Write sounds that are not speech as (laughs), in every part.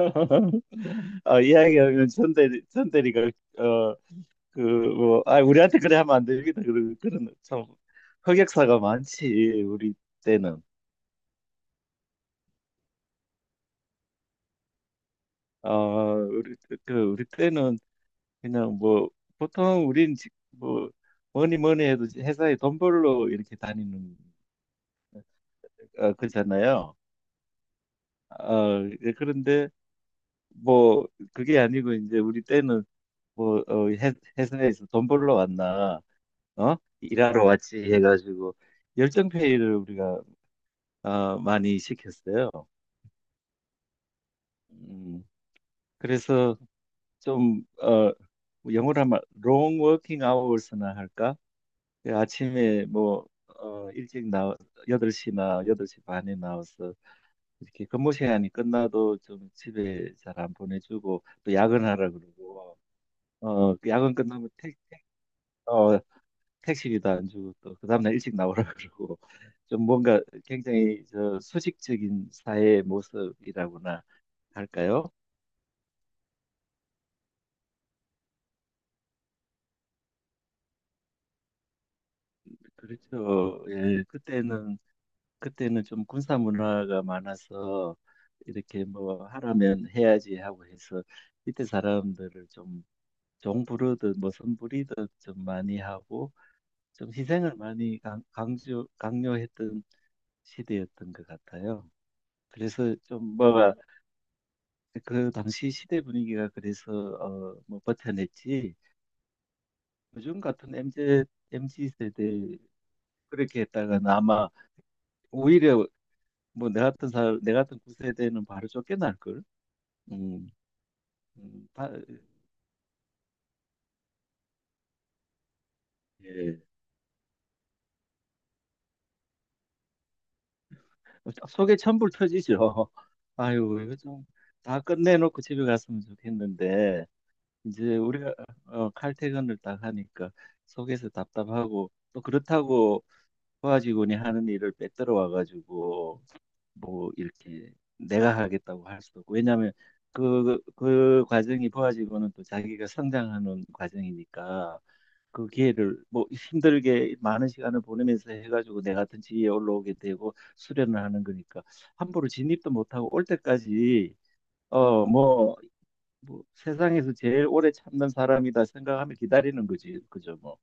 (laughs) 이야기하면 전대리가 어, 그, 뭐, 우리한테 그래 하면 안 되겠다. 그런, 참, 흑역사가 많지, 우리 때는. 그, 우리 때는 그냥 뭐, 보통 뭐, 뭐니 뭐니 해도 회사에 돈 벌러 이렇게 다니는, 거잖아요. 예, 그런데 뭐, 그게 아니고 이제 우리 때는 뭐, 회사에서 돈 벌러 왔나. 어? 일하러 왔지 해가지고 열정페이를 우리가 많이 시켰어요. 음, 그래서 좀 영어로 하면 long working hours나 할까? 그 아침에 뭐 일찍 나 8시나 8시 반에 나와서 이렇게 근무 시간이 끝나도 좀 집에 잘 안 보내주고 또 야근하라 그러고. 야근 끝나면 어, 택시비도 안 주고 또 그 다음날 일찍 나오라 (laughs) 그러고, 좀 뭔가 굉장히 저 수직적인 사회의 모습이라고나 할까요? 그렇죠. 예, 그때는 좀 군사 문화가 많아서 이렇게 뭐 하라면 해야지 하고 해서 이때 사람들을 좀 종부르듯 뭐 선부리듯 좀 많이 하고, 좀 희생을 많이 강조 강요했던 시대였던 것 같아요. 그래서 좀 뭐가, 그 당시 시대 분위기가 그래서 뭐 버텨냈지. 요즘 같은 MZ 세대 그렇게 했다가는 아마 오히려 뭐 내 같은 구세대는 바로 쫓겨날 걸. 음. 음. 예. 속에 천불 터지죠. (laughs) 아유, 이거 좀 다 끝내놓고 집에 갔으면 좋겠는데 이제 우리가 칼퇴근을 딱 하니까 속에서 답답하고, 또 그렇다고 도와주곤이 하는 일을 빼들어 와가지고 뭐 이렇게 내가 하겠다고 할 수도 없고. 왜냐하면 그 과정이 보아지고는 또 자기가 성장하는 과정이니까, 그 기회를 뭐 힘들게 많은 시간을 보내면서 해가지고 내 같은 지위에 올라오게 되고 수련을 하는 거니까 함부로 진입도 못하고. 올 때까지 어 뭐 뭐 세상에서 제일 오래 참는 사람이다 생각하며 기다리는 거지. 그죠, 뭐.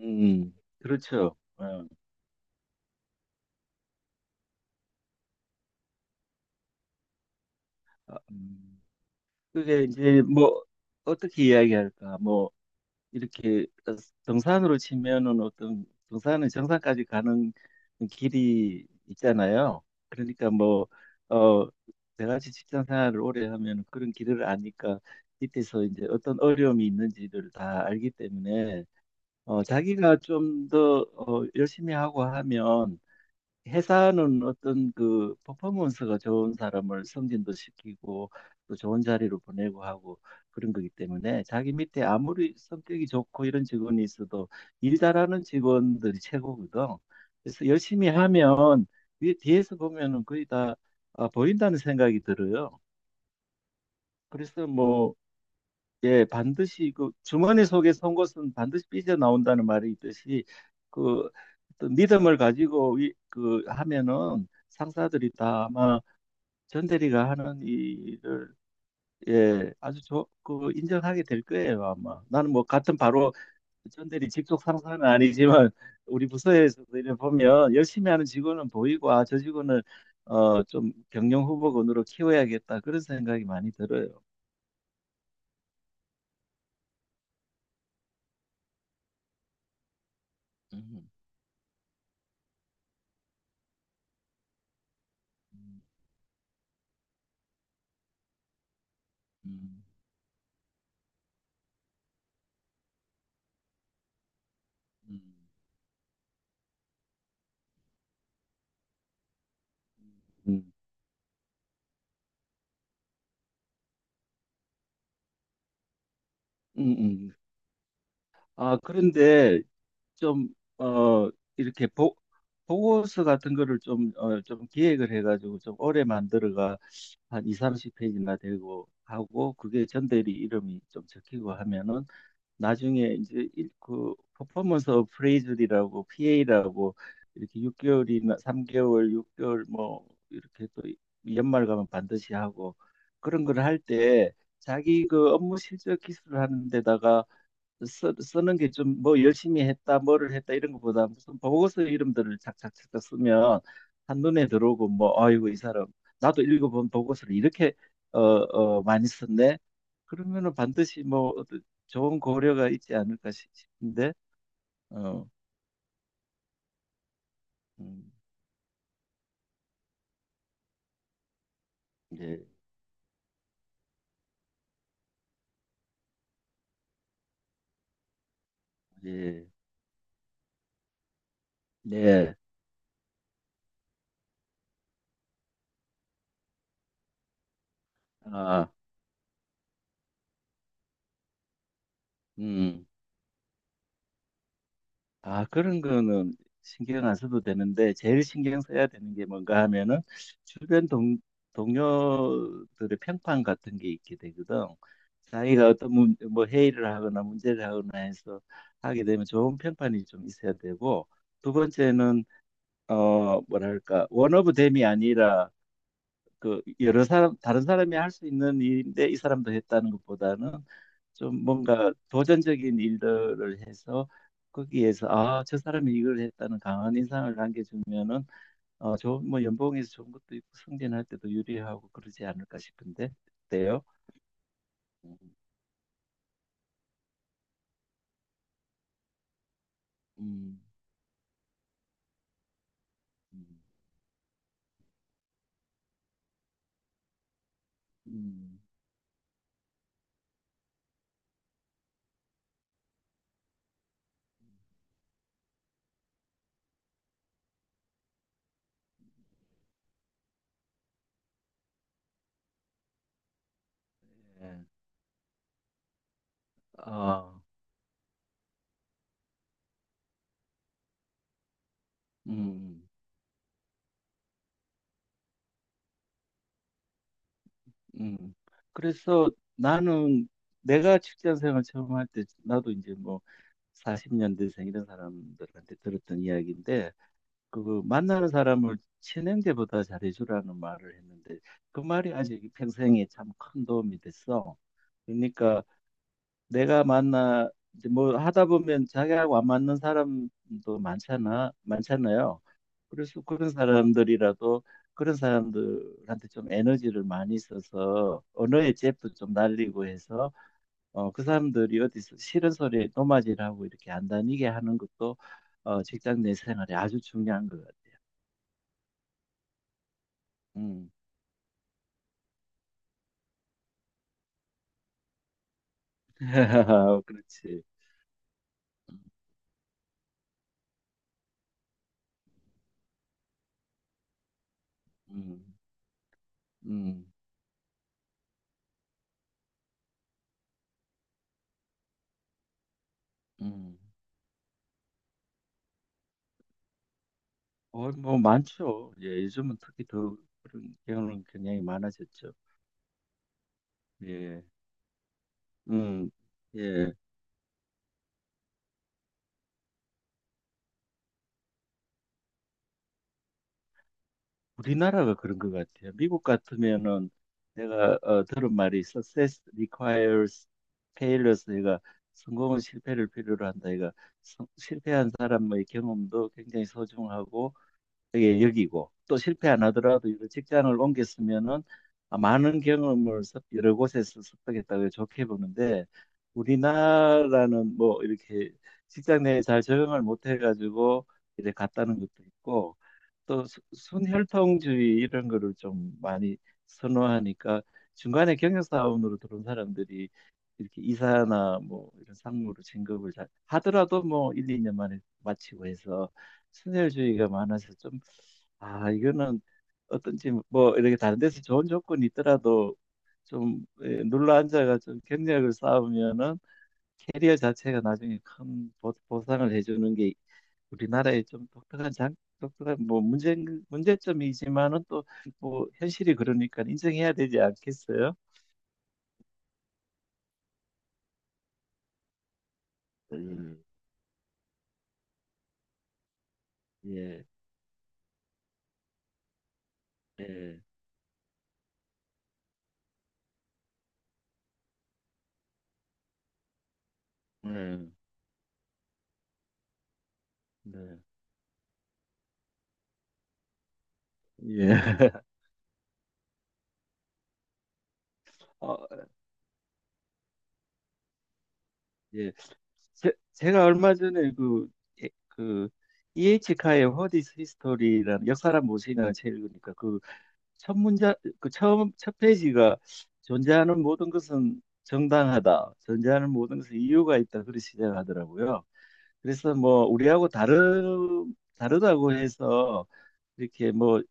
음. 그렇죠. 아, 음. 그게 이제 뭐, 어떻게 이야기할까? 뭐 이렇게 등산으로 치면은 어떤 등산은 정상까지 가는 길이 있잖아요. 그러니까 뭐, 어, 내같이 직장 생활을 오래 하면 그런 길을 아니까 밑에서 이제 어떤 어려움이 있는지를 다 알기 때문에 자기가 좀 더 열심히 하고 하면 회사는 어떤 그 퍼포먼스가 좋은 사람을 승진도 시키고 또 좋은 자리로 보내고 하고, 그런 거기 때문에 자기 밑에 아무리 성격이 좋고 이런 직원이 있어도 일 잘하는 직원들이 최고거든. 그래서 열심히 하면 위에 뒤에서 보면은 거의 다 아, 보인다는 생각이 들어요. 그래서 뭐, 예, 반드시, 그 주머니 속에 선 것은 반드시 삐져 나온다는 말이 있듯이 그 어떤 믿음을 가지고 그 하면은 상사들이 다 아마 전 대리가 하는 일을, 예, 아주 그 인정하게 될 거예요, 아마. 나는 뭐 같은 바로 전 대리 직속 상사는 아니지만 (laughs) 우리 부서에서 보면 열심히 하는 직원은 보이고, 아, 저 직원을 좀 경영 후보군으로 키워야겠다, 그런 생각이 많이 들어요. 음. 음. 음. 음. 음. 음. 음. 아, 그런데 좀, 어, 이렇게 보고서 같은 거를 좀, 좀 기획을 해가지고 좀 오래 만들어가 한 2, 30페이지나 되고 하고 그게 전대리 이름이 좀 적히고 하면은 나중에 이제 그, 퍼포먼스 오브 프레이즈리라고, PA라고, 이렇게 6개월이나 3개월, 6개월 뭐 이렇게 또 연말 가면 반드시 하고 그런 걸 할 때 자기 그 업무 실적 기술을 하는 데다가 쓰는 게, 좀 뭐 열심히 했다, 뭐를 했다 이런 것보다 무슨 보고서 이름들을 착착착착 쓰면 한눈에 들어오고 뭐 아이고 이 사람 나도 읽어본 보고서를 이렇게 많이 썼네. 그러면은 반드시 뭐 어떤 좋은 고려가 있지 않을까 싶은데. 어, 음. 예. 예. 네. 아, 음. 아, 그런 거는 신경 안 써도 되는데, 제일 신경 써야 되는 게 뭔가 하면은, 주변 동료들의 평판 같은 게 있게 되거든. 자기가 어떤 뭐, 회의를 하거나 문제를 하거나 해서 하게 되면 좋은 평판이 좀 있어야 되고, 두 번째는, 뭐랄까, 원오브 댐이 아니라, 그 여러 사람, 다른 사람이 할 수 있는 일인데 이 사람도 했다는 것보다는 좀 뭔가 도전적인 일들을 해서 거기에서 아, 저 사람이 이걸 했다는 강한 인상을 남겨주면은 좋은 뭐, 연봉에서 좋은 것도 있고 승진할 때도 유리하고 그러지 않을까 싶은데, 어때요? 음. 음. 음. 음. 예. 아. 음. 음. 그래서 나는, 내가 직장 생활 처음 할 때 나도 이제 뭐 40년대생 이런 사람들한테 들었던 이야기인데, 그 만나는 사람을 친형제보다 잘해주라는 말을 했는데 그 말이 아직 평생에 참 큰 도움이 됐어. 그러니까 내가 만나, 이제 뭐 하다 보면 자기하고 안 맞는 사람도 많잖아요. 그래서 그런 사람들이라도 그런 사람들한테 좀 에너지를 많이 써서 언어의 잽도 좀 날리고 해서 그 사람들이 어디서 싫은 소리에 노마질하고 이렇게 안 다니게 하는 것도 직장 내 생활에 아주 중요한 것 같아요. 음. (laughs) 그렇지. 음. 음. 음. 뭐 많죠. 예, 요즘은 특히 더 그런 경우는 굉장히 많아졌죠. 예. 음. 예. 우리나라가 그런 것 같아요. 미국 같으면은 내가 들은 말이 success requires failures. 얘가, 성공은 실패를 필요로 한다. 얘가, 실패한 사람의 경험도 굉장히 소중하고, 예, 여기고 또 실패 안 하더라도 이런 직장을 옮겼으면은 아, 많은 경험을 여러 곳에서 습득했다고 좋게 보는데, 우리나라는 뭐 이렇게 직장 내에 잘 적응을 못 해가지고 이제 갔다는 것도 있고 또 순혈통주의 이런 거를 좀 많이 선호하니까 중간에 경영사원으로 들어온 사람들이 이렇게 이사나 뭐 이런 상무로 진급을 잘 하더라도 뭐 1, 2년 만에 마치고 해서 친절주의가 많아서, 좀, 아, 이거는 어떤지 뭐 이렇게 다른 데서 좋은 조건이 있더라도 좀, 예, 눌러 앉아가 좀 경력을 쌓으면은 캐리어 자체가 나중에 큰 보상을 해주는 게 우리나라의 좀 독특한 독특한 뭐 문제점이지만은, 또 뭐 현실이 그러니까 인정해야 되지 않겠어요? 음. 예. 예. 네, 네. 예. (laughs) 어, 예. 제가 얼마 전에 예, 그, EH카의 What is History라는 역사란 무엇이냐는 책을 읽으니까 그 첫 문자, 그 처음, 첫 페이지가 존재하는 모든 것은 정당하다, 존재하는 모든 것은 이유가 있다, 그렇게 시작하더라고요. 그래서 뭐, 우리하고 다르다고 해서 이렇게 뭐,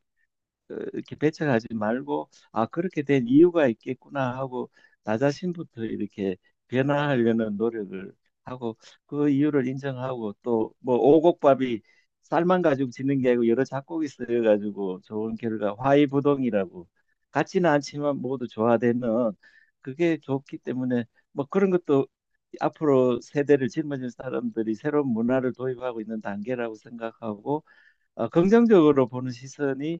이렇게 배척하지 말고, 아, 그렇게 된 이유가 있겠구나 하고 나 자신부터 이렇게 변화하려는 노력을 하고 그 이유를 인정하고, 또 뭐 오곡밥이 쌀만 가지고 짓는 게 아니고 여러 작곡이 쓰여가지고 좋은 결과 화이부동이라고 같지는 않지만 모두 조화되는, 그게 좋기 때문에 뭐 그런 것도 앞으로 세대를 짊어질 사람들이 새로운 문화를 도입하고 있는 단계라고 생각하고 긍정적으로 보는 시선이,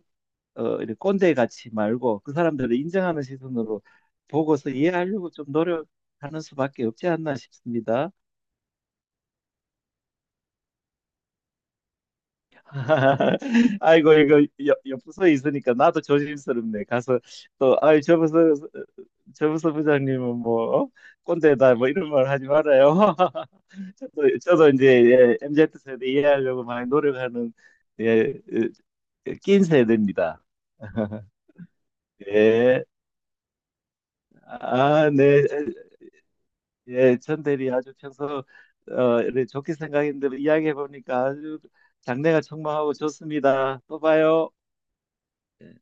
이렇게 꼰대 같이 말고 그 사람들을 인정하는 시선으로 보고서 이해하려고 좀 노력하는 수밖에 없지 않나 싶습니다. (laughs) 아이고, 이거 옆 부서에 있으니까 나도 조심스럽네. 가서 또, 아이, 저 부서 부장님은 뭐 어? 꼰대다 뭐 이런 말 하지 말아요. (laughs) 저도 이제, 예, MZ 세대 이해하려고 많이 노력하는, 예, 예, 낀 세대입니다. (laughs) 예. 아, 네. 예, 전 대리 아주 평소 이렇게 좋게 생각했는데 이야기해 보니까 아주 장래가 촉망하고 좋습니다. 또 봐요. 예.